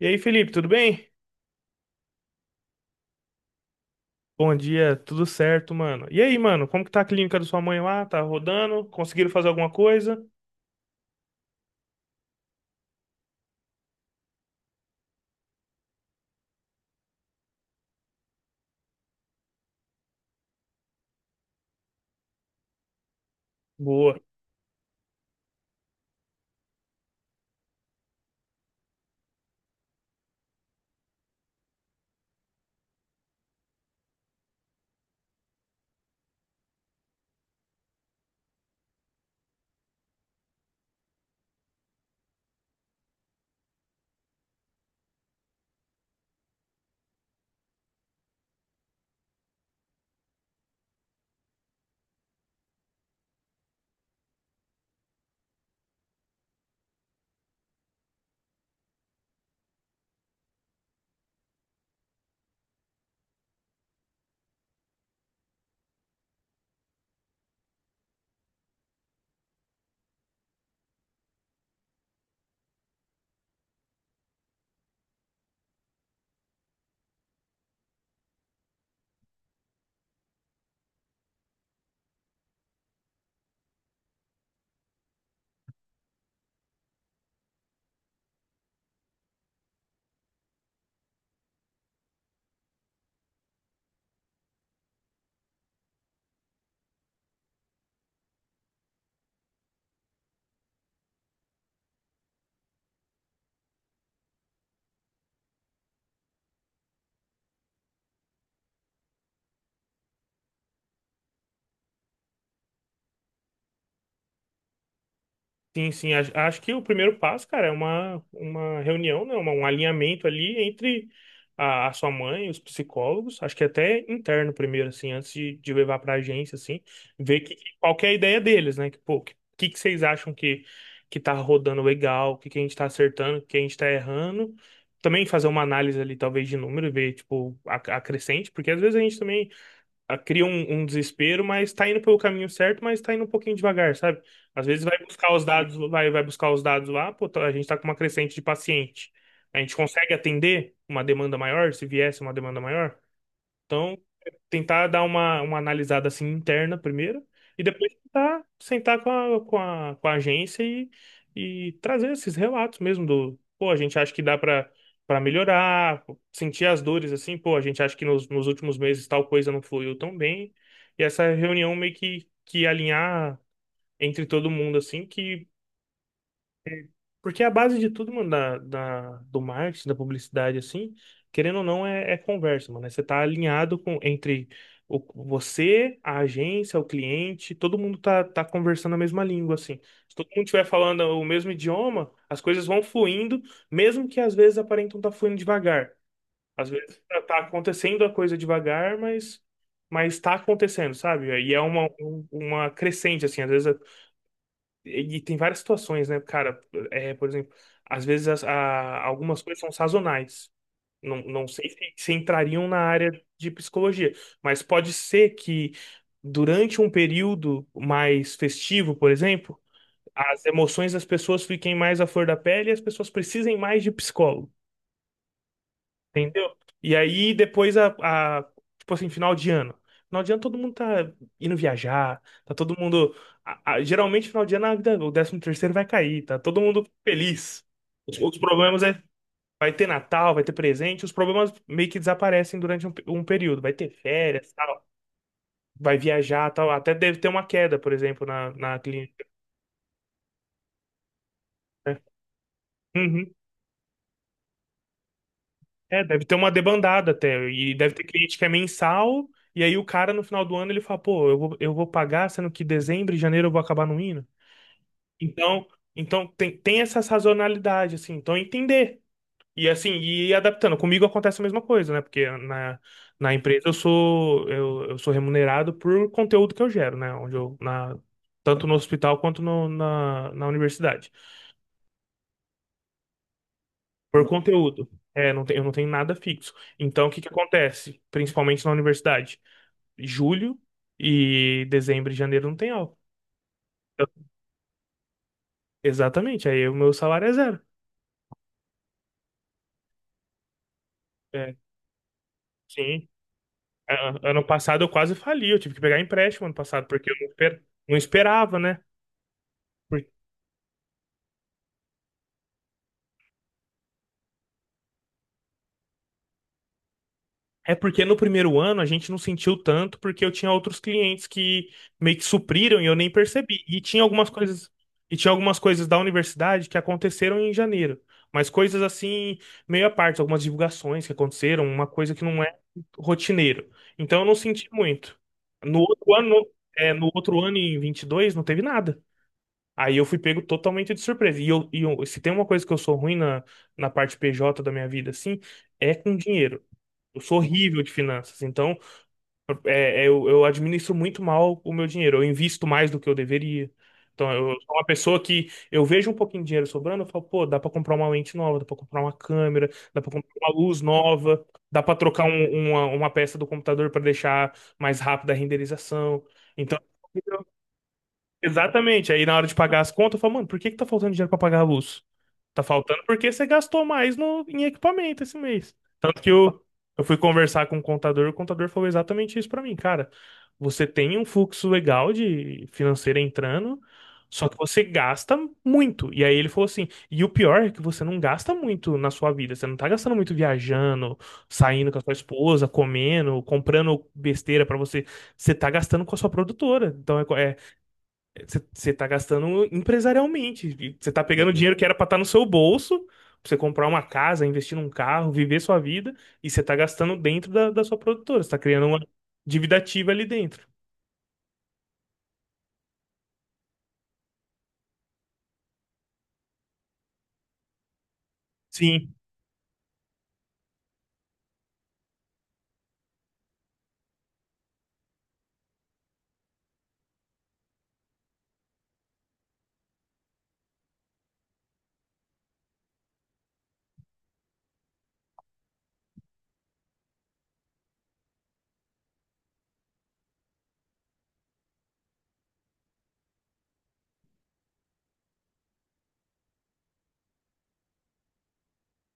E aí, Felipe, tudo bem? Bom dia, tudo certo, mano. E aí, mano, como que tá a clínica da sua mãe lá? Tá rodando? Conseguiram fazer alguma coisa? Boa. Sim, sim. Acho que o primeiro passo, cara, é uma reunião, né? Um alinhamento ali entre a sua mãe e os psicólogos. Acho que até interno primeiro, assim, antes de levar pra agência, assim, ver qual que é a ideia deles, né? Pô, que vocês acham que tá rodando legal, o que a gente tá acertando, o que a gente tá errando. Também fazer uma análise ali, talvez, de número, ver, tipo, a crescente, porque às vezes a gente também cria um desespero, mas tá indo pelo caminho certo, mas tá indo um pouquinho devagar, sabe? Às vezes vai buscar os dados, vai buscar os dados lá, pô, a gente tá com uma crescente de paciente. A gente consegue atender uma demanda maior, se viesse uma demanda maior? Então, tentar dar uma analisada assim interna primeiro e depois tentar sentar com a agência e trazer esses relatos mesmo do, pô, a gente acha que dá para melhorar, sentir as dores assim, pô, a gente acha que nos últimos meses tal coisa não fluiu tão bem. E essa reunião meio que alinhar entre todo mundo assim, que porque a base de tudo, mano, do marketing, da publicidade, assim, querendo ou não, é conversa, mano. É, você tá alinhado com, entre o, você, a agência, o cliente, todo mundo tá conversando a mesma língua, assim. Se todo mundo estiver falando o mesmo idioma, as coisas vão fluindo, mesmo que às vezes aparentam tá fluindo devagar. Às vezes tá acontecendo a coisa devagar, mas tá acontecendo, sabe? E é uma crescente, assim, às vezes. E tem várias situações, né, cara? É, por exemplo, às vezes algumas coisas são sazonais. Não, não sei se entrariam na área de psicologia, mas pode ser que durante um período mais festivo, por exemplo, as emoções das pessoas fiquem mais à flor da pele e as pessoas precisem mais de psicólogo. Entendeu? E aí depois a- tipo assim, final de ano. Final de ano todo mundo tá indo viajar, tá todo mundo. Geralmente final de ano o 13º vai cair, tá todo mundo feliz. Os problemas vai ter Natal, vai ter presente, os problemas meio que desaparecem durante um período. Vai ter férias, tal, vai viajar, tal. Até deve ter uma queda, por exemplo, na clínica, né? Uhum. É, deve ter uma debandada até. E deve ter cliente que é mensal. E aí o cara, no final do ano, ele fala, pô, eu vou pagar, sendo que dezembro e janeiro eu vou acabar não indo. Então, então, tem essa sazonalidade, assim. Então, é entender. E assim, e ir adaptando. Comigo acontece a mesma coisa, né? Porque na empresa eu sou remunerado por conteúdo que eu gero, né? Tanto no hospital quanto na universidade. Por conteúdo. É, não tem, eu não tenho nada fixo. Então, o que que acontece? Principalmente na universidade. Julho e dezembro e janeiro não tem aula. Eu- Exatamente, aí o meu salário é zero. É, sim. Ano passado eu quase fali, eu tive que pegar empréstimo ano passado, porque eu não, esper- não esperava, né? É porque no primeiro ano a gente não sentiu tanto, porque eu tinha outros clientes que meio que supriram e eu nem percebi. E tinha algumas coisas da universidade que aconteceram em janeiro, mas coisas assim meio à parte, algumas divulgações que aconteceram, uma coisa que não é rotineiro. Então eu não senti muito. No outro ano, no outro ano em 22 não teve nada. Aí eu fui pego totalmente de surpresa. Se tem uma coisa que eu sou ruim na parte PJ da minha vida, assim, é com dinheiro. Eu sou horrível de finanças, então eu administro muito mal o meu dinheiro. Eu invisto mais do que eu deveria. Então, eu sou uma pessoa que eu vejo um pouquinho de dinheiro sobrando, eu falo, pô, dá pra comprar uma lente nova, dá pra comprar uma câmera, dá pra comprar uma luz nova, dá pra trocar uma peça do computador pra deixar mais rápida a renderização. Então, exatamente. Aí na hora de pagar as contas, eu falo, mano, por que que tá faltando dinheiro pra pagar a luz? Tá faltando porque você gastou mais no, em equipamento esse mês. Tanto que eu fui conversar com o contador falou exatamente isso pra mim, cara. Você tem um fluxo legal de financeiro entrando, só que você gasta muito. E aí ele falou assim: e o pior é que você não gasta muito na sua vida. Você não tá gastando muito viajando, saindo com a sua esposa, comendo, comprando besteira pra você. Você tá gastando com a sua produtora. Então você tá gastando empresarialmente. E você tá pegando dinheiro que era pra estar no seu bolso, pra você comprar uma casa, investir num carro, viver sua vida, e você tá gastando dentro da sua produtora. Você tá criando uma dívida ativa ali dentro. Sim,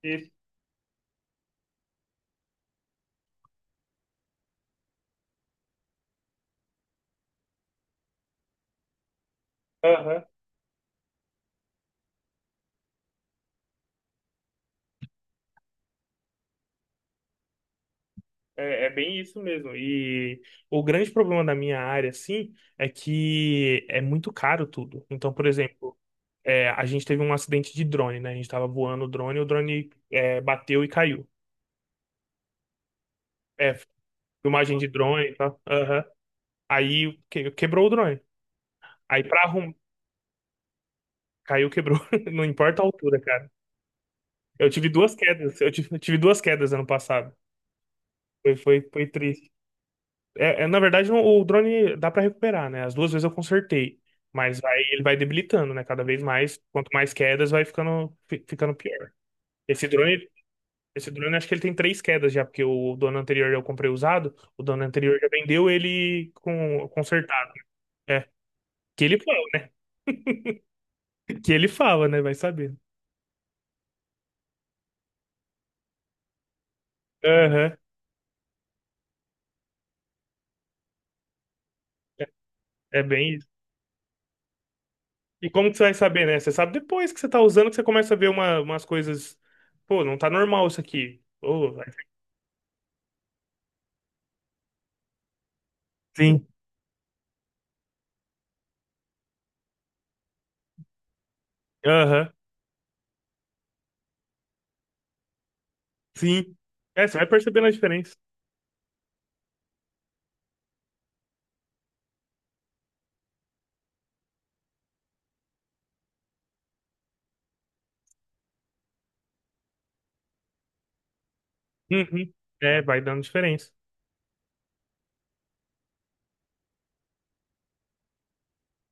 isso. Aham. É bem isso mesmo. E o grande problema da minha área, assim, é que é muito caro tudo. Então, por exemplo, a gente teve um acidente de drone, né? A gente tava voando o drone bateu e caiu. É, filmagem de drone e tal. Quebrou o drone. Aí pra arrumar. Caiu, quebrou. Não importa a altura, cara. Eu tive duas quedas. Eu tive duas quedas ano passado. Foi triste. Na verdade, o drone dá pra recuperar, né? As duas vezes eu consertei. Ele vai debilitando, né? Cada vez mais. Quanto mais quedas, vai ficando pior. Esse drone, esse drone, acho que ele tem três quedas já, porque o dono anterior eu comprei usado. O dono anterior já vendeu ele com, consertado. É. Que ele falou, né? Que ele fala, né? Vai saber. Aham. É é bem isso. E como que você vai saber, né? Você sabe depois que você tá usando que você começa a ver umas coisas. Pô, não tá normal isso aqui. Sim. Aham. Sim. É, você vai percebendo a diferença. Uhum. É, vai dando diferença.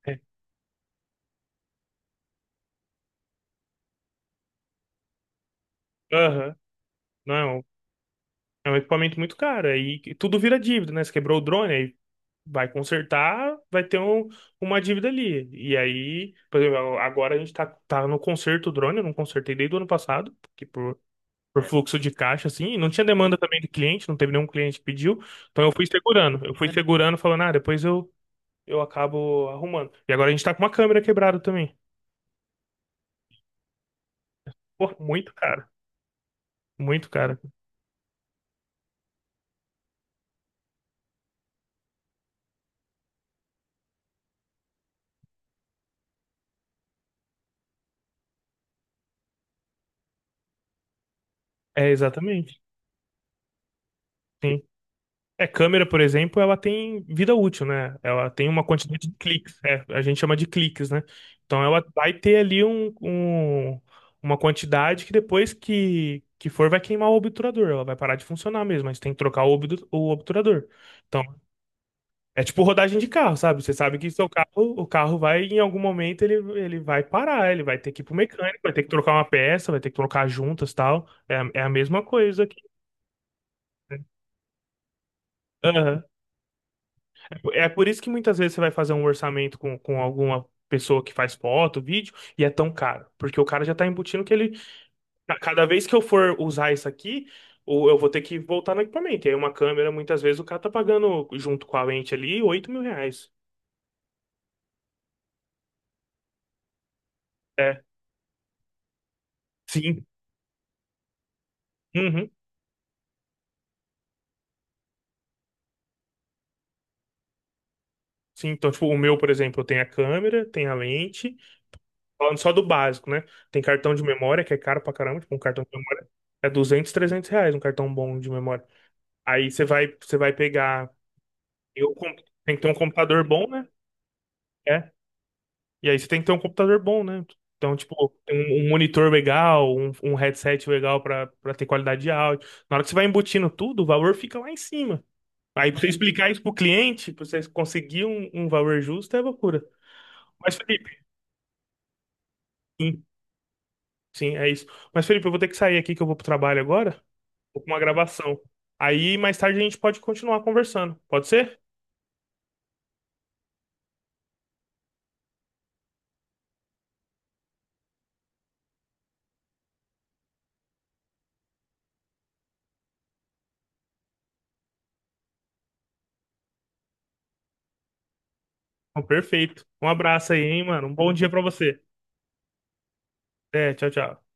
É. Aham. Não, é um equipamento muito caro. Tudo vira dívida, né? Você quebrou o drone, aí vai consertar, vai ter uma dívida ali. E aí, por exemplo, agora a gente tá no conserto do drone, eu não consertei desde o ano passado, por fluxo de caixa, assim, e não tinha demanda também de cliente, não teve nenhum cliente que pediu, então eu fui segurando, falando, ah, depois eu acabo arrumando. E agora a gente tá com uma câmera quebrada também. Pô, muito cara, muito cara. É, exatamente, sim. É, câmera, por exemplo, ela tem vida útil, né? Ela tem uma quantidade de cliques, a gente chama de cliques, né? Então ela vai ter ali uma quantidade que depois que for vai queimar o obturador, ela vai parar de funcionar mesmo, mas tem que trocar o obturador. Então, é tipo rodagem de carro, sabe? Você sabe que seu carro, o carro vai, em algum momento, ele vai parar, ele vai ter que ir pro mecânico, vai ter que trocar uma peça, vai ter que trocar juntas e tal. É, é a mesma coisa aqui. Aham. É por isso que muitas vezes você vai fazer um orçamento com alguma pessoa que faz foto, vídeo, e é tão caro. Porque o cara já tá embutindo que ele, a cada vez que eu for usar isso aqui, ou eu vou ter que voltar no equipamento. E aí uma câmera, muitas vezes, o cara tá pagando, junto com a lente ali, 8 mil reais. É, sim. Uhum. Sim, então, tipo, o meu, por exemplo, eu tenho a câmera, tem a lente, falando só do básico, né? Tem cartão de memória, que é caro pra caramba, tipo, um cartão de memória é 200, 300 reais, um cartão bom de memória. Aí você vai pegar, eu, com- tem que ter um computador bom, né? É, e aí você tem que ter um computador bom, né? Então, tipo, um monitor legal, um headset legal pra ter qualidade de áudio. Na hora que você vai embutindo tudo, o valor fica lá em cima. Aí pra você explicar isso pro cliente, pra você conseguir um valor justo, é loucura. Mas, Felipe, Sim, é isso. Mas, Felipe, eu vou ter que sair aqui que eu vou pro trabalho agora. Vou pra uma gravação. Aí mais tarde a gente pode continuar conversando. Pode ser? Então, perfeito. Um abraço aí, hein, mano. Um bom dia pra você. É, tchau, tchau.